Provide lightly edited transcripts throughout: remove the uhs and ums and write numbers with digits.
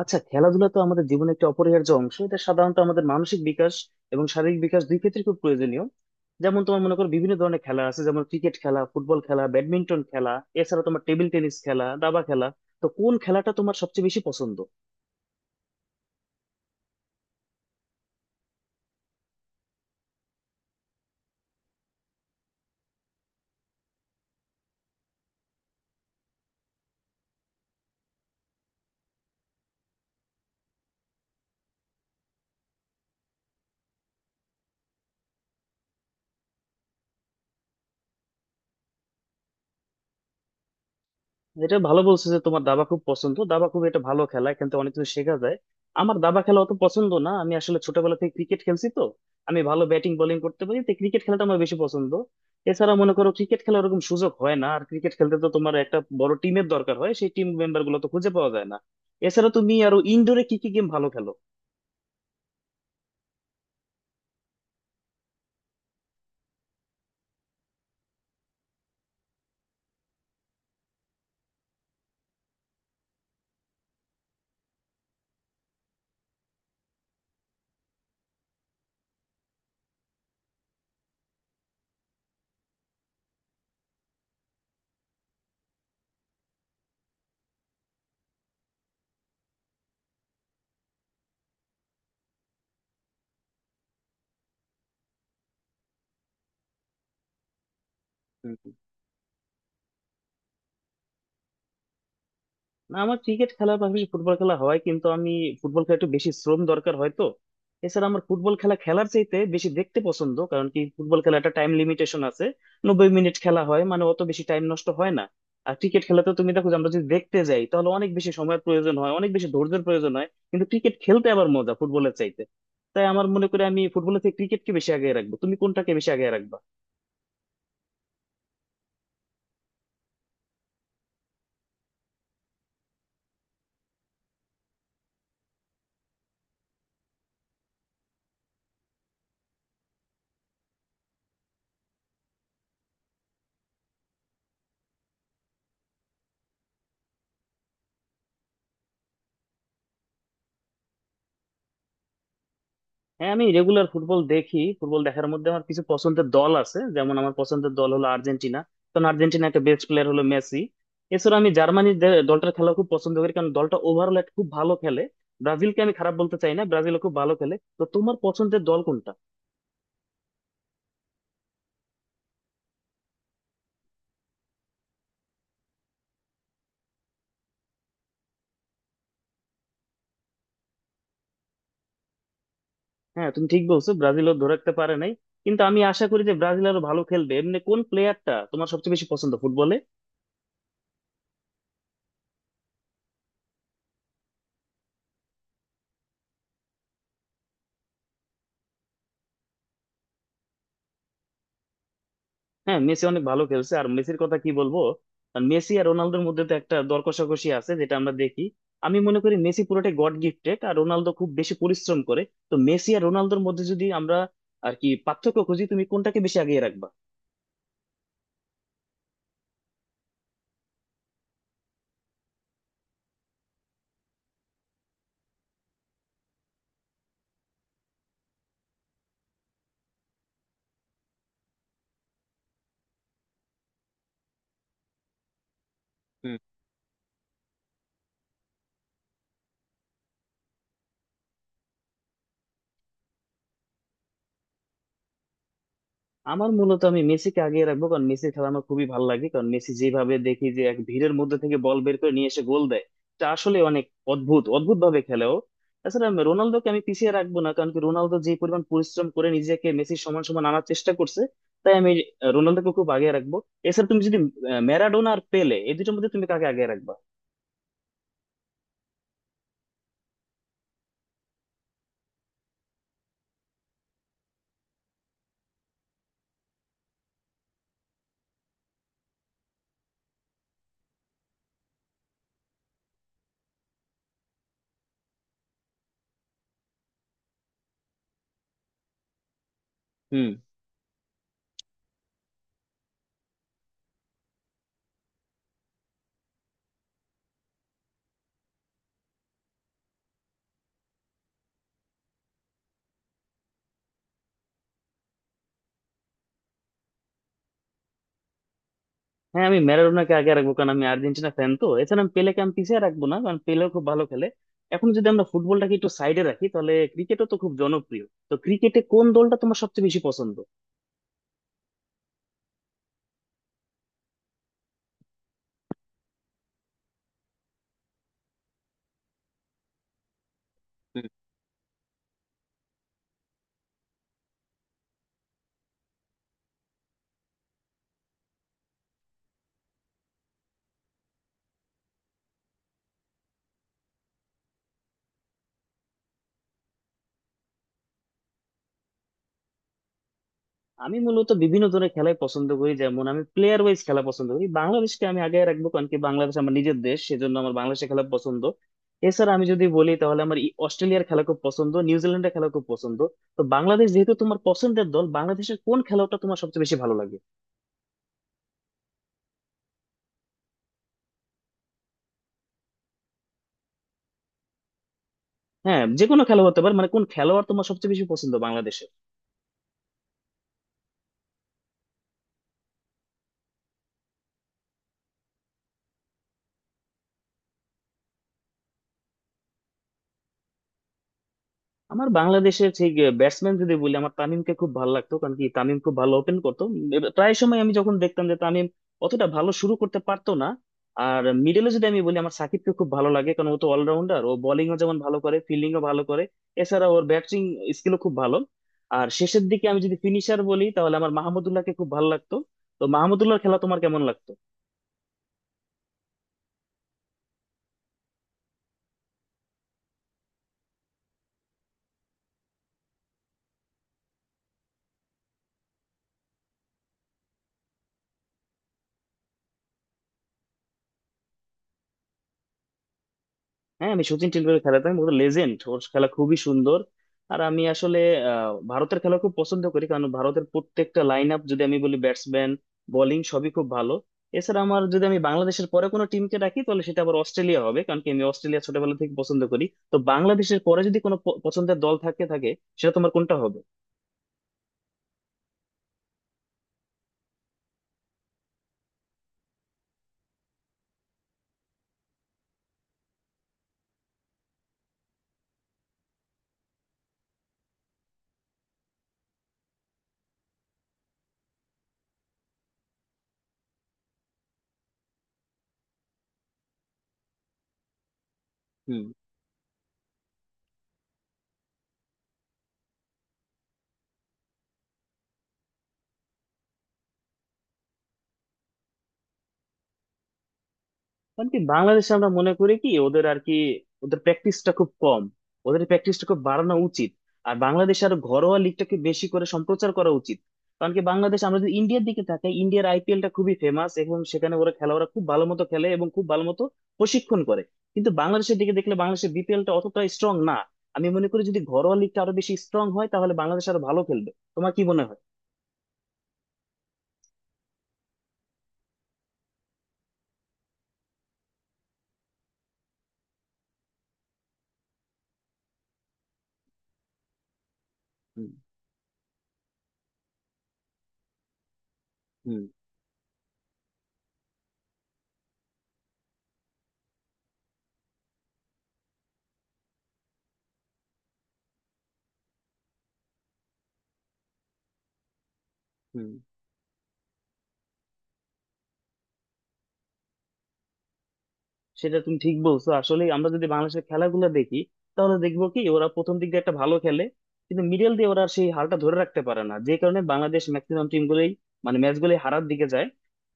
আচ্ছা, খেলাধুলা তো আমাদের জীবনে একটা অপরিহার্য অংশ। এটা সাধারণত আমাদের মানসিক বিকাশ এবং শারীরিক বিকাশ দুই ক্ষেত্রে খুব প্রয়োজনীয়। যেমন তোমার মনে করো বিভিন্ন ধরনের খেলা আছে, যেমন ক্রিকেট খেলা, ফুটবল খেলা, ব্যাডমিন্টন খেলা, এছাড়া তোমার টেবিল টেনিস খেলা, দাবা খেলা। তো কোন খেলাটা তোমার সবচেয়ে বেশি পছন্দ? এটা ভালো বলছো যে তোমার দাবা খুব পছন্দ। দাবা খুব এটা ভালো খেলা, এখান থেকে অনেক কিছু শেখা যায়। আমার দাবা খেলা অত পছন্দ না, আমি আসলে ছোটবেলা থেকে ক্রিকেট খেলছি, তো আমি ভালো ব্যাটিং বোলিং করতে পারি, তো ক্রিকেট খেলাটা আমার বেশি পছন্দ। এছাড়া মনে করো ক্রিকেট খেলা ওরকম সুযোগ হয় না, আর ক্রিকেট খেলতে তো তোমার একটা বড় টিমের দরকার হয়, সেই টিম মেম্বার গুলো তো খুঁজে পাওয়া যায় না। এছাড়া তুমি আরো ইনডোরে কি কি গেম ভালো খেলো? না, আমার ক্রিকেট খেলার পাশাপাশি ফুটবল খেলা হয়, কিন্তু আমি ফুটবল খেলা একটু বেশি শ্রম দরকার হয়, তো এছাড়া আমার ফুটবল খেলা খেলার চাইতে বেশি দেখতে পছন্দ। কারণ কি, ফুটবল খেলা একটা টাইম লিমিটেশন আছে, 90 মিনিট খেলা হয়, মানে অত বেশি টাইম নষ্ট হয় না। আর ক্রিকেট খেলাতে তুমি দেখো যে, আমরা যদি দেখতে যাই তাহলে অনেক বেশি সময়ের প্রয়োজন হয়, অনেক বেশি ধৈর্যের প্রয়োজন হয়, কিন্তু ক্রিকেট খেলতে আবার মজা ফুটবলের চাইতে। তাই আমার মনে করি আমি ফুটবলের থেকে ক্রিকেটকে বেশি আগে রাখবো। তুমি কোনটাকে বেশি আগে রাখবে? হ্যাঁ, আমি রেগুলার ফুটবল দেখি। ফুটবল দেখার মধ্যে আমার কিছু পছন্দের দল আছে, যেমন আমার পছন্দের দল হলো আর্জেন্টিনা, কারণ আর্জেন্টিনার একটা বেস্ট প্লেয়ার হলো মেসি। এছাড়া আমি জার্মানির দলটার খেলা খুব পছন্দ করি, কারণ দলটা ওভারঅল খুব ভালো খেলে। ব্রাজিলকে আমি খারাপ বলতে চাই না, ব্রাজিলও খুব ভালো খেলে। তো তোমার পছন্দের দল কোনটা? হ্যাঁ, তুমি ঠিক বলছো, ব্রাজিলও ধরে রাখতে পারে নাই। কিন্তু আমি আশা করি যে ব্রাজিল আরো ভালো খেলবে। এমনি কোন প্লেয়ারটা তোমার সবচেয়ে বেশি পছন্দ ফুটবলে? হ্যাঁ, মেসি অনেক ভালো খেলছে, আর মেসির কথা কি বলবো। আর মেসি আর রোনালদোর মধ্যে তো একটা দর কষাকষি আছে, যেটা আমরা দেখি। আমি মনে করি মেসি পুরোটাই গড গিফটেড, আর রোনালদো খুব বেশি পরিশ্রম করে। তো মেসি আর রোনালদোর মধ্যে যদি আমরা আর কি পার্থক্য খুঁজি, তুমি কোনটাকে বেশি আগিয়ে রাখবা? আমার মূলত আমি মেসিকে আগিয়ে রাখবো, কারণ মেসির খেলা আমার খুবই ভালো লাগে। কারণ মেসি যেভাবে দেখি যে এক ভিড়ের মধ্যে থেকে বল বের করে নিয়ে এসে গোল দেয়, এটা আসলে অনেক অদ্ভুত অদ্ভুত ভাবে খেলে ও। তাছাড়া রোনালদোকে আমি পিছিয়ে রাখবো না, কারণ কি রোনালদো যে পরিমাণ পরিশ্রম করে নিজেকে মেসির সমান সমান আনার চেষ্টা করছে, তাই আমি রোনালদোকে খুব আগে রাখবো। এছাড়া তুমি যদি ম্যারাডোনা আর পেলে এই দুটোর মধ্যে তুমি কাকে আগে রাখবা? হুম। হ্যাঁ, আমি ম্যারাডোনাকে আগে রাখবো, কারণ আমি আর্জেন্টিনা ফ্যান, তো এছাড়া আমি পেলেকে আমি পিছিয়ে রাখবো না, কারণ পেলেও খুব ভালো খেলে। এখন যদি আমরা ফুটবলটাকে একটু সাইডে রাখি, তাহলে ক্রিকেটও তো খুব জনপ্রিয়। তো ক্রিকেটে কোন দলটা তোমার সবচেয়ে বেশি পছন্দ? হুম। আমি মূলত বিভিন্ন ধরনের খেলাই পছন্দ করি, যেমন আমি প্লেয়ার ওয়াইজ খেলা পছন্দ করি। বাংলাদেশকে আমি আগে রাখবো, কারণ কি বাংলাদেশ আমার নিজের দেশ, সেজন্য আমার বাংলাদেশে খেলা পছন্দ। এছাড়া আমি যদি বলি, তাহলে আমার অস্ট্রেলিয়ার খেলা খুব পছন্দ, নিউজিল্যান্ডের খেলা খুব পছন্দ। তো বাংলাদেশ যেহেতু তোমার পছন্দের দল, বাংলাদেশের কোন খেলাটা তোমার সবচেয়ে বেশি ভালো লাগে? হ্যাঁ, যে কোনো খেলা হতে পারে, মানে কোন খেলোয়াড় তোমার সবচেয়ে বেশি পছন্দ বাংলাদেশের? আমার বাংলাদেশের সেই ব্যাটসম্যান যদি বলি, আমার তামিমকে খুব ভালো লাগতো, কারণ কি তামিম খুব ভালো ওপেন করতো। প্রায় সময় আমি যখন দেখতাম যে তামিম অতটা ভালো শুরু করতে পারতো না। আর মিডলে যদি আমি বলি, আমার সাকিবকে খুব ভালো লাগে, কারণ ও তো অলরাউন্ডার, ও বোলিংও যেমন ভালো করে, ফিল্ডিংও ভালো করে, এছাড়া ওর ব্যাটিং স্কিলও খুব ভালো। আর শেষের দিকে আমি যদি ফিনিশার বলি, তাহলে আমার মাহমুদুল্লাহকে খুব ভালো লাগতো। তো মাহমুদুল্লাহর খেলা তোমার কেমন লাগতো? হ্যাঁ, আমি সচিন টেন্ডুলকারের খেলা, তো আমি বলতে লেজেন্ড, ওর খেলা খুবই সুন্দর। আর আমি আসলে ভারতের খেলা খুব পছন্দ করি, কারণ ভারতের প্রত্যেকটা লাইন আপ যদি আমি বলি, ব্যাটসম্যান বোলিং সবই খুব ভালো। এছাড়া আমার যদি আমি বাংলাদেশের পরে কোনো টিমকে রাখি, তাহলে সেটা আবার অস্ট্রেলিয়া হবে, কারণ কি আমি অস্ট্রেলিয়া ছোটবেলা থেকে পছন্দ করি। তো বাংলাদেশের পরে যদি কোনো পছন্দের দল থাকে থাকে সেটা তোমার কোনটা হবে? হুম। কারণ কি বাংলাদেশে আমরা মনে করি কি ওদের আর কি, ওদের প্র্যাকটিসটা খুব কম ওদের প্র্যাকটিসটা খুব বাড়ানো উচিত। আর বাংলাদেশ আর ঘরোয়া লিগটাকে বেশি করে সম্প্রচার করা উচিত। কারণ কি বাংলাদেশ, আমরা যদি ইন্ডিয়ার দিকে তাকাই, ইন্ডিয়ার আইপিএলটা খুবই ফেমাস, এবং সেখানে ওরা খেলোয়াড়রা খুব ভালো মতো খেলে এবং খুব ভালো মতো প্রশিক্ষণ করে। কিন্তু বাংলাদেশের দিকে দেখলে, বাংলাদেশের বিপিএলটা অতটা স্ট্রং না। আমি মনে করি যদি ঘরোয়া লিগটা আরো বেশি স্ট্রং হয়, তাহলে বাংলাদেশ আরো ভালো খেলবে। তোমার কি মনে হয়? হুম। হুম। হুম। সেটা তুমি ঠিক বলছো। আসলে আমরা যদি বাংলাদেশের খেলাগুলো দেখি, তাহলে দেখবো কি ওরা প্রথম দিক দিয়ে একটা ভালো খেলে, কিন্তু মিডল দিয়ে ওরা আর সেই হালটা ধরে রাখতে পারে না, যে কারণে বাংলাদেশ ম্যাক্সিমাম টিম গুলোই, মানে ম্যাচ গুলোই হারার দিকে যায়।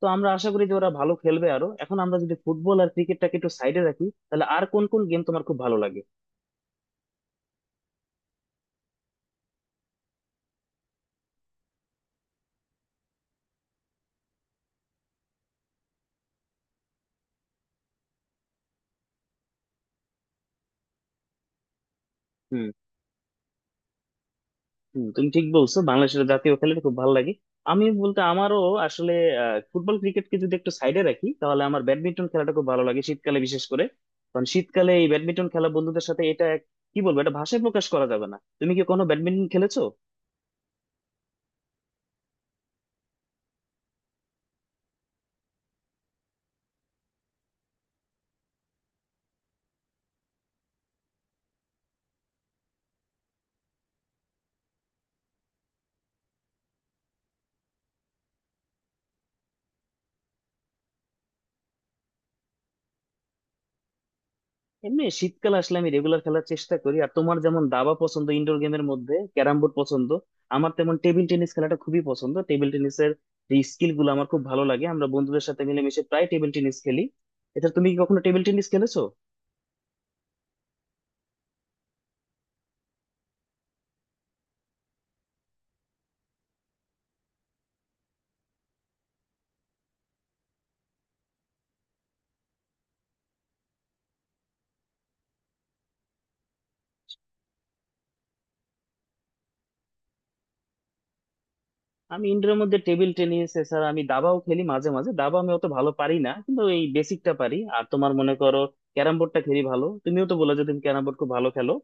তো আমরা আশা করি যে ওরা ভালো খেলবে আরো। এখন আমরা যদি ফুটবল আর ক্রিকেটটাকে একটু সাইডে রাখি, তাহলে আর কোন কোন গেম তোমার খুব ভালো লাগে? হুম। হুম, তুমি ঠিক বলছো, বাংলাদেশের জাতীয় খেলাটা খুব ভালো লাগে। আমি বলতে আমারও আসলে ফুটবল ক্রিকেটকে যদি একটু সাইডে রাখি, তাহলে আমার ব্যাডমিন্টন খেলাটা খুব ভালো লাগে, শীতকালে বিশেষ করে। কারণ শীতকালে এই ব্যাডমিন্টন খেলা বন্ধুদের সাথে, এটা কি বলবো, এটা ভাষায় প্রকাশ করা যাবে না। তুমি কি কোনো ব্যাডমিন্টন খেলেছো? এমনি শীতকালে আসলে আমি রেগুলার খেলার চেষ্টা করি। আর তোমার যেমন দাবা পছন্দ, ইনডোর গেমের মধ্যে ক্যারাম বোর্ড পছন্দ, আমার তেমন টেবিল টেনিস খেলাটা খুবই পছন্দ। টেবিল টেনিসের যে স্কিল গুলো আমার খুব ভালো লাগে, আমরা বন্ধুদের সাথে মিলেমিশে প্রায় টেবিল টেনিস খেলি। এটা তুমি কি কখনো টেবিল টেনিস খেলেছো? আমি ইনডোরের মধ্যে টেবিল টেনিস, এছাড়া আমি দাবাও খেলি মাঝে মাঝে। দাবা আমি অত ভালো পারি না, কিন্তু এই বেসিকটা পারি। আর তোমার মনে করো ক্যারাম বোর্ডটা খেলি ভালো, তুমিও তো বলে যে তুমি ক্যারাম বোর্ড খুব ভালো খেলো।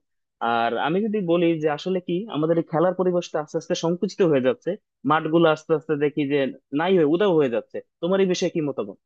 আর আমি যদি বলি যে আসলে কি আমাদের এই খেলার পরিবেশটা আস্তে আস্তে সংকুচিত হয়ে যাচ্ছে, মাঠগুলো আস্তে আস্তে দেখি যে নাই হয়ে উধাও হয়ে যাচ্ছে। তোমার এই বিষয়ে কি মতামত?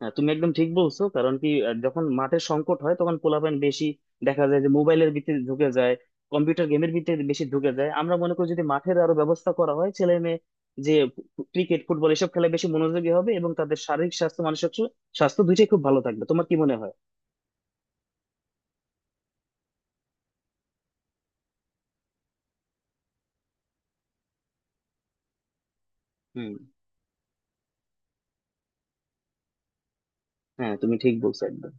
হ্যাঁ, তুমি একদম ঠিক বলছো। কারণ কি, যখন মাঠের সংকট হয় তখন পোলাপাইন বেশি দেখা যায় যে মোবাইলের ভিতরে ঢুকে যায়, কম্পিউটার গেমের ভিতরে বেশি ঢুকে যায়। আমরা মনে করি যদি মাঠের আরো ব্যবস্থা করা হয়, ছেলে মেয়ে যে ক্রিকেট ফুটবল এসব খেলায় বেশি মনোযোগী হবে, এবং তাদের শারীরিক স্বাস্থ্য মানসিক স্বাস্থ্য দুইটাই খুব ভালো থাকবে। তোমার কি মনে হয়? হুম। হ্যাঁ, তুমি ঠিক বলছো একদম।